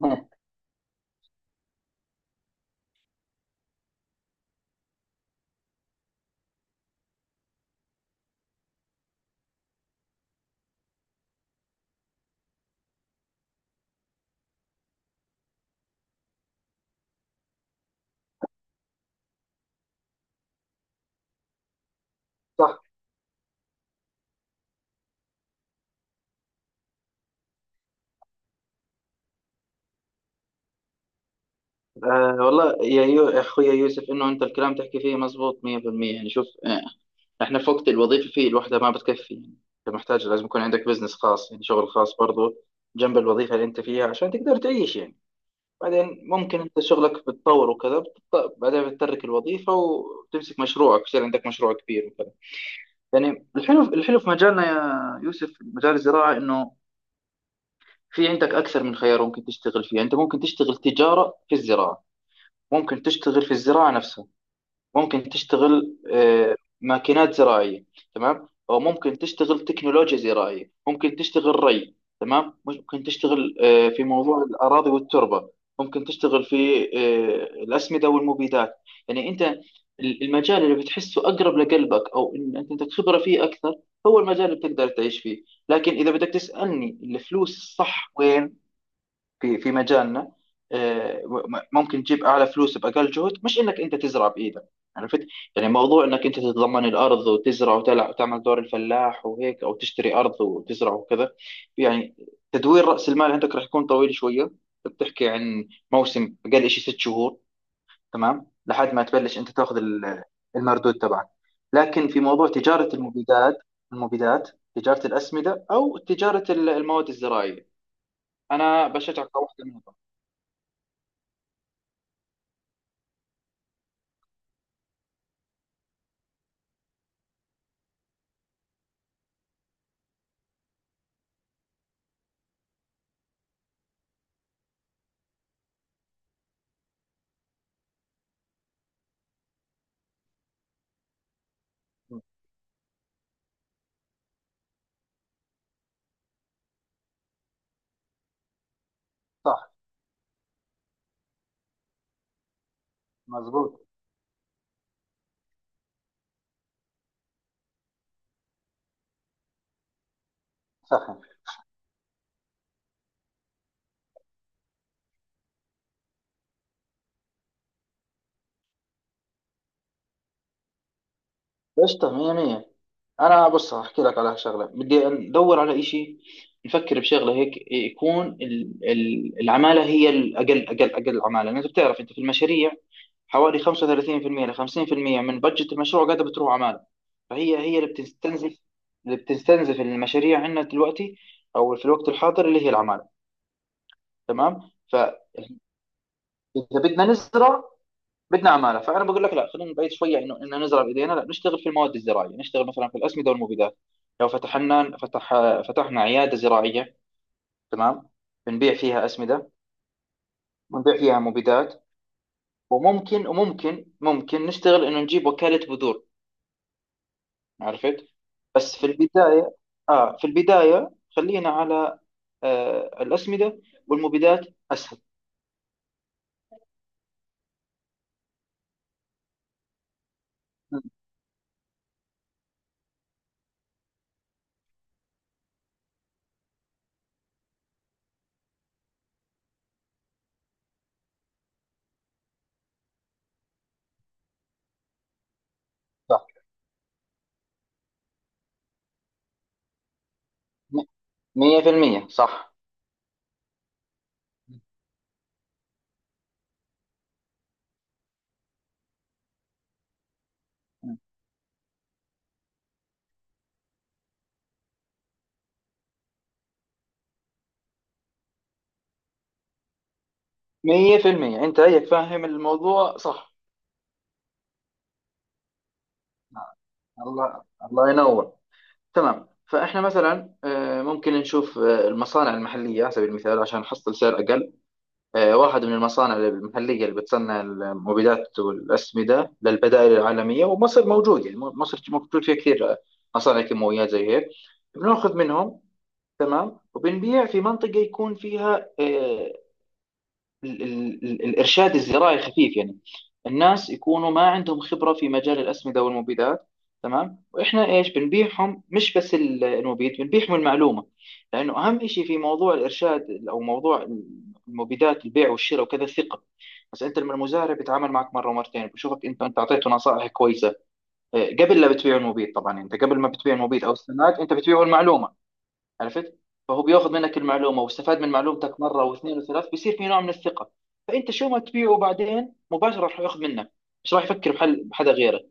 مم. صح. آه والله يا يا اخويا يوسف، انه انت الكلام تحكي فيه مزبوط 100%. يعني شوف، احنا في وقت الوظيفه فيه الوحده ما بتكفي، يعني انت محتاج لازم يكون عندك بزنس خاص، يعني شغل خاص برضو جنب الوظيفه اللي انت فيها عشان تقدر تعيش. يعني بعدين ممكن انت شغلك بتطور وكذا بعدين بتترك الوظيفه وتمسك مشروعك، يصير عندك مشروع كبير وكذا. يعني الحلو الحلو في مجالنا يا يوسف، مجال الزراعه انه في عندك اكثر من خيار ممكن تشتغل فيه. انت ممكن تشتغل تجاره في الزراعه، ممكن تشتغل في الزراعة نفسها، ممكن تشتغل ماكينات زراعية. تمام، أو ممكن تشتغل تكنولوجيا زراعية، ممكن تشتغل ري. تمام، ممكن تشتغل في موضوع الأراضي والتربة، ممكن تشتغل في الأسمدة والمبيدات. يعني أنت المجال اللي بتحسه أقرب لقلبك أو إن أنت عندك خبرة فيه أكثر هو المجال اللي بتقدر تعيش فيه. لكن إذا بدك تسألني الفلوس الصح وين، في مجالنا ممكن تجيب اعلى فلوس باقل جهد، مش انك انت تزرع بايدك. عرفت؟ يعني موضوع انك انت تتضمن الارض وتزرع وتعمل دور الفلاح وهيك، او تشتري ارض وتزرع وكذا، يعني تدوير راس المال عندك راح يكون طويل شويه. بتحكي عن موسم اقل شيء ست شهور، تمام، لحد ما تبلش انت تاخذ المردود تبعك. لكن في موضوع تجاره المبيدات، المبيدات، تجاره الاسمده او تجاره المواد الزراعيه، انا بشجعك على واحده منهم. صح. مظبوط. سخن. قشطة مية مية. أنا بص هحكي لك على شغلة، بدي ندور على إشي، نفكر بشغلة هيك يكون العمالة هي الأقل أقل أقل عمالة، لأن أنت بتعرف أنت في المشاريع حوالي 35% ل 50% من بجت المشروع قاعدة بتروح عمالة. فهي اللي بتستنزف، اللي بتستنزف المشاريع عندنا دلوقتي، أو في الوقت الحاضر، اللي هي العمالة. تمام، فإذا بدنا نزرع بدنا عماله، فانا بقول لك لا، خلينا نبعد شويه انه ان نزرع بايدينا، لا، نشتغل في المواد الزراعيه، نشتغل مثلا في الاسمده والمبيدات. لو فتحنا عياده زراعيه، تمام، بنبيع فيها اسمده، بنبيع فيها مبيدات. وممكن وممكن ممكن نشتغل انه نجيب وكاله بذور. عرفت؟ بس في البدايه، اه في البدايه، خلينا على آه الاسمده والمبيدات، اسهل. م، صح. 100%. صح 100%، انت هيك فاهم الموضوع صح. الله، الله ينور. تمام، فاحنا مثلا ممكن نشوف المصانع المحليه على سبيل المثال عشان نحصل سعر اقل. واحد من المصانع المحليه اللي بتصنع المبيدات والاسمده للبدائل العالميه، ومصر موجود، يعني مصر موجود فيها كثير مصانع كيماويات زي هيك، بناخذ منهم. تمام، وبنبيع في منطقه يكون فيها الإرشاد الزراعي خفيف، يعني الناس يكونوا ما عندهم خبرة في مجال الأسمدة والمبيدات. تمام، وإحنا إيش بنبيعهم؟ مش بس المبيد، بنبيعهم المعلومة. لأنه أهم شيء في موضوع الإرشاد أو موضوع المبيدات، البيع والشراء وكذا، الثقة. بس أنت لما المزارع بيتعامل معك مرة ومرتين بشوفك أنت أعطيته نصائح كويسة قبل لا بتبيع المبيد، طبعا أنت قبل ما بتبيع المبيد أو السماد أنت بتبيعه المعلومة. عرفت؟ فهو بياخذ منك المعلومه واستفاد من معلومتك مره واثنين وثلاث، بيصير في نوع من الثقه. فانت شو ما تبيعه بعدين مباشره راح ياخذ منك، مش راح يفكر بحل بحدا غيرك.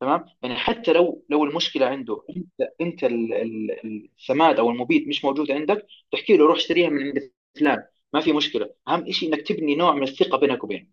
تمام، يعني حتى لو المشكله عنده، انت انت السماد او المبيد مش موجود عندك، تحكي له روح اشتريها من عند فلان. ما في مشكله، اهم شيء انك تبني نوع من الثقه بينك وبينه.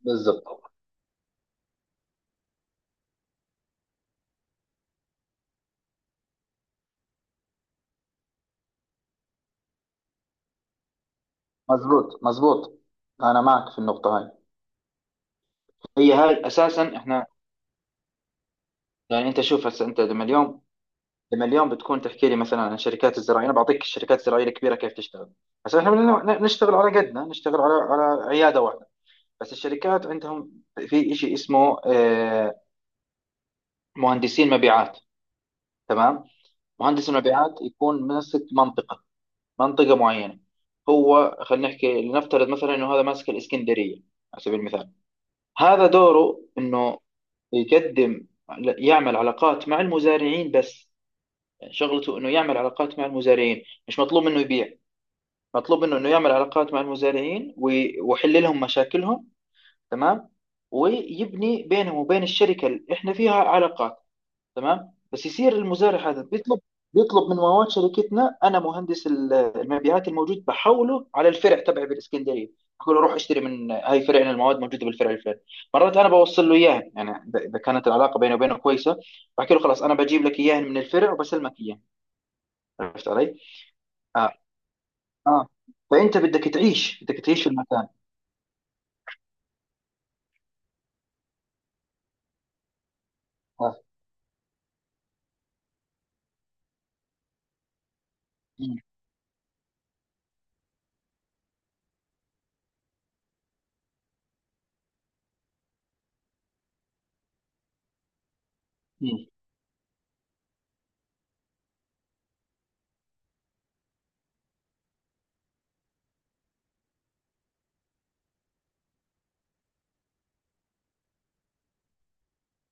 بالضبط. مزبوط مزبوط، انا معك في النقطه هاي. هي هاي اساسا احنا يعني، انت شوف هسه انت لما اليوم، بتكون تحكي لي مثلا عن الشركات الزراعيه، انا بعطيك الشركات الزراعيه الكبيره كيف تشتغل. عشان احنا بدنا نشتغل على قدنا، نشتغل على عياده واحده. بس الشركات عندهم في شيء اسمه مهندسين مبيعات. تمام، مهندس المبيعات يكون ماسك منطقه، منطقه معينه. هو خلينا نحكي، لنفترض مثلا انه هذا ماسك الاسكندريه على سبيل المثال. هذا دوره، انه يقدم، يعمل علاقات مع المزارعين بس، يعني شغلته انه يعمل علاقات مع المزارعين، مش مطلوب منه يبيع، مطلوب منه انه يعمل علاقات مع المزارعين ويحل لهم مشاكلهم. تمام، ويبني بينهم وبين الشركه اللي احنا فيها علاقات. تمام، بس يصير المزارع هذا بيطلب من مواد شركتنا، انا مهندس المبيعات الموجود بحوله على الفرع تبعي بالاسكندريه، بقول له روح اشتري من هاي فرعنا، المواد موجوده بالفرع الفلاني. مرات انا بوصل له اياها، يعني إذا كانت العلاقه بيني وبينه كويسه، بحكي له خلاص انا بجيب لك اياها من الفرع وبسلمك اياها. عرفت علي؟ اه. اه. فانت بدك تعيش، بدك تعيش في المكان. آه. مم. مم.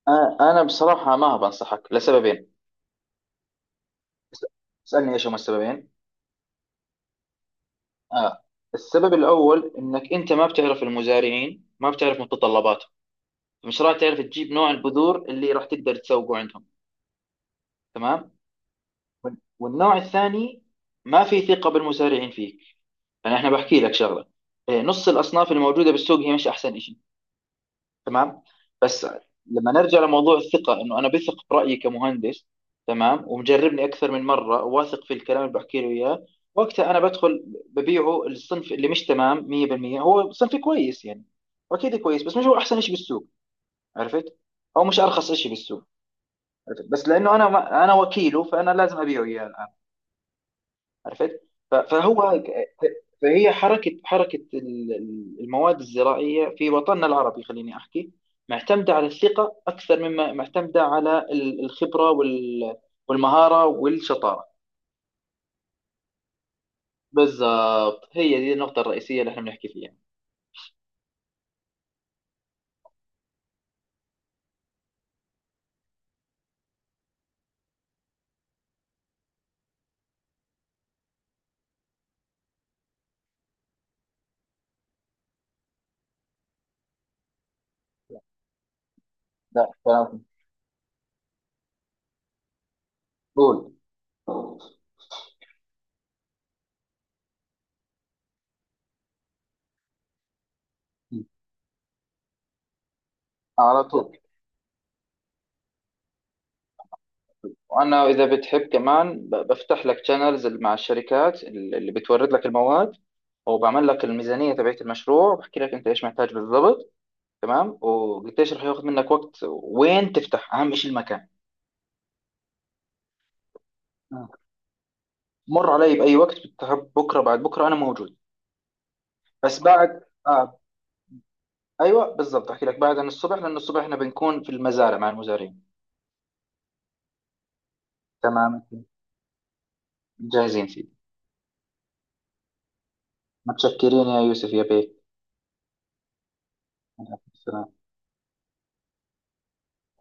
أنا بصراحة ما بنصحك لسببين. اس- اسألني إيش هما السببين. آه. السبب الأول إنك أنت ما بتعرف المزارعين، ما بتعرف متطلباتهم، مش راح تعرف تجيب نوع البذور اللي راح تقدر تسوقه عندهم. تمام، والنوع الثاني ما في ثقة بالمزارعين فيك. أنا إحنا بحكي لك شغلة، نص الأصناف الموجودة بالسوق هي مش أحسن. تمام، بس لما نرجع لموضوع الثقة، انه انا بثق برأيي كمهندس، تمام، ومجربني اكثر من مرة، واثق في الكلام اللي بحكي له اياه، وقتها انا بدخل ببيعه الصنف اللي مش تمام 100%. هو صنف كويس يعني، واكيد كويس، بس مش هو احسن شيء بالسوق. عرفت؟ او مش ارخص شيء بالسوق. عرفت؟ بس لانه انا ما انا وكيله فانا لازم ابيعه اياه. عرفت؟ ف- فهو فهي حركة المواد الزراعية في وطننا العربي، خليني أحكي، معتمدة على الثقة أكثر مما معتمدة على الخبرة والمهارة والشطارة. بالضبط، هي دي النقطة الرئيسية اللي احنا بنحكي فيها. لا كلام. قول. على طول. وأنا إذا بتحب كمان بفتح لك شانلز مع الشركات اللي بتورد لك المواد، وبعمل لك الميزانية تبعت المشروع، وبحكي لك أنت إيش محتاج بالضبط. تمام، والتشريح هياخد منك وقت وين تفتح، اهم شيء المكان. آه. مر علي باي وقت، بكره بعد بكره انا موجود. بس بعد آه. ايوه بالضبط، احكي لك بعد عن الصبح، لان الصبح احنا بنكون في المزارع مع المزارعين. تمام، جاهزين سيدي. متشكرين يا يوسف يا بيه. سلام.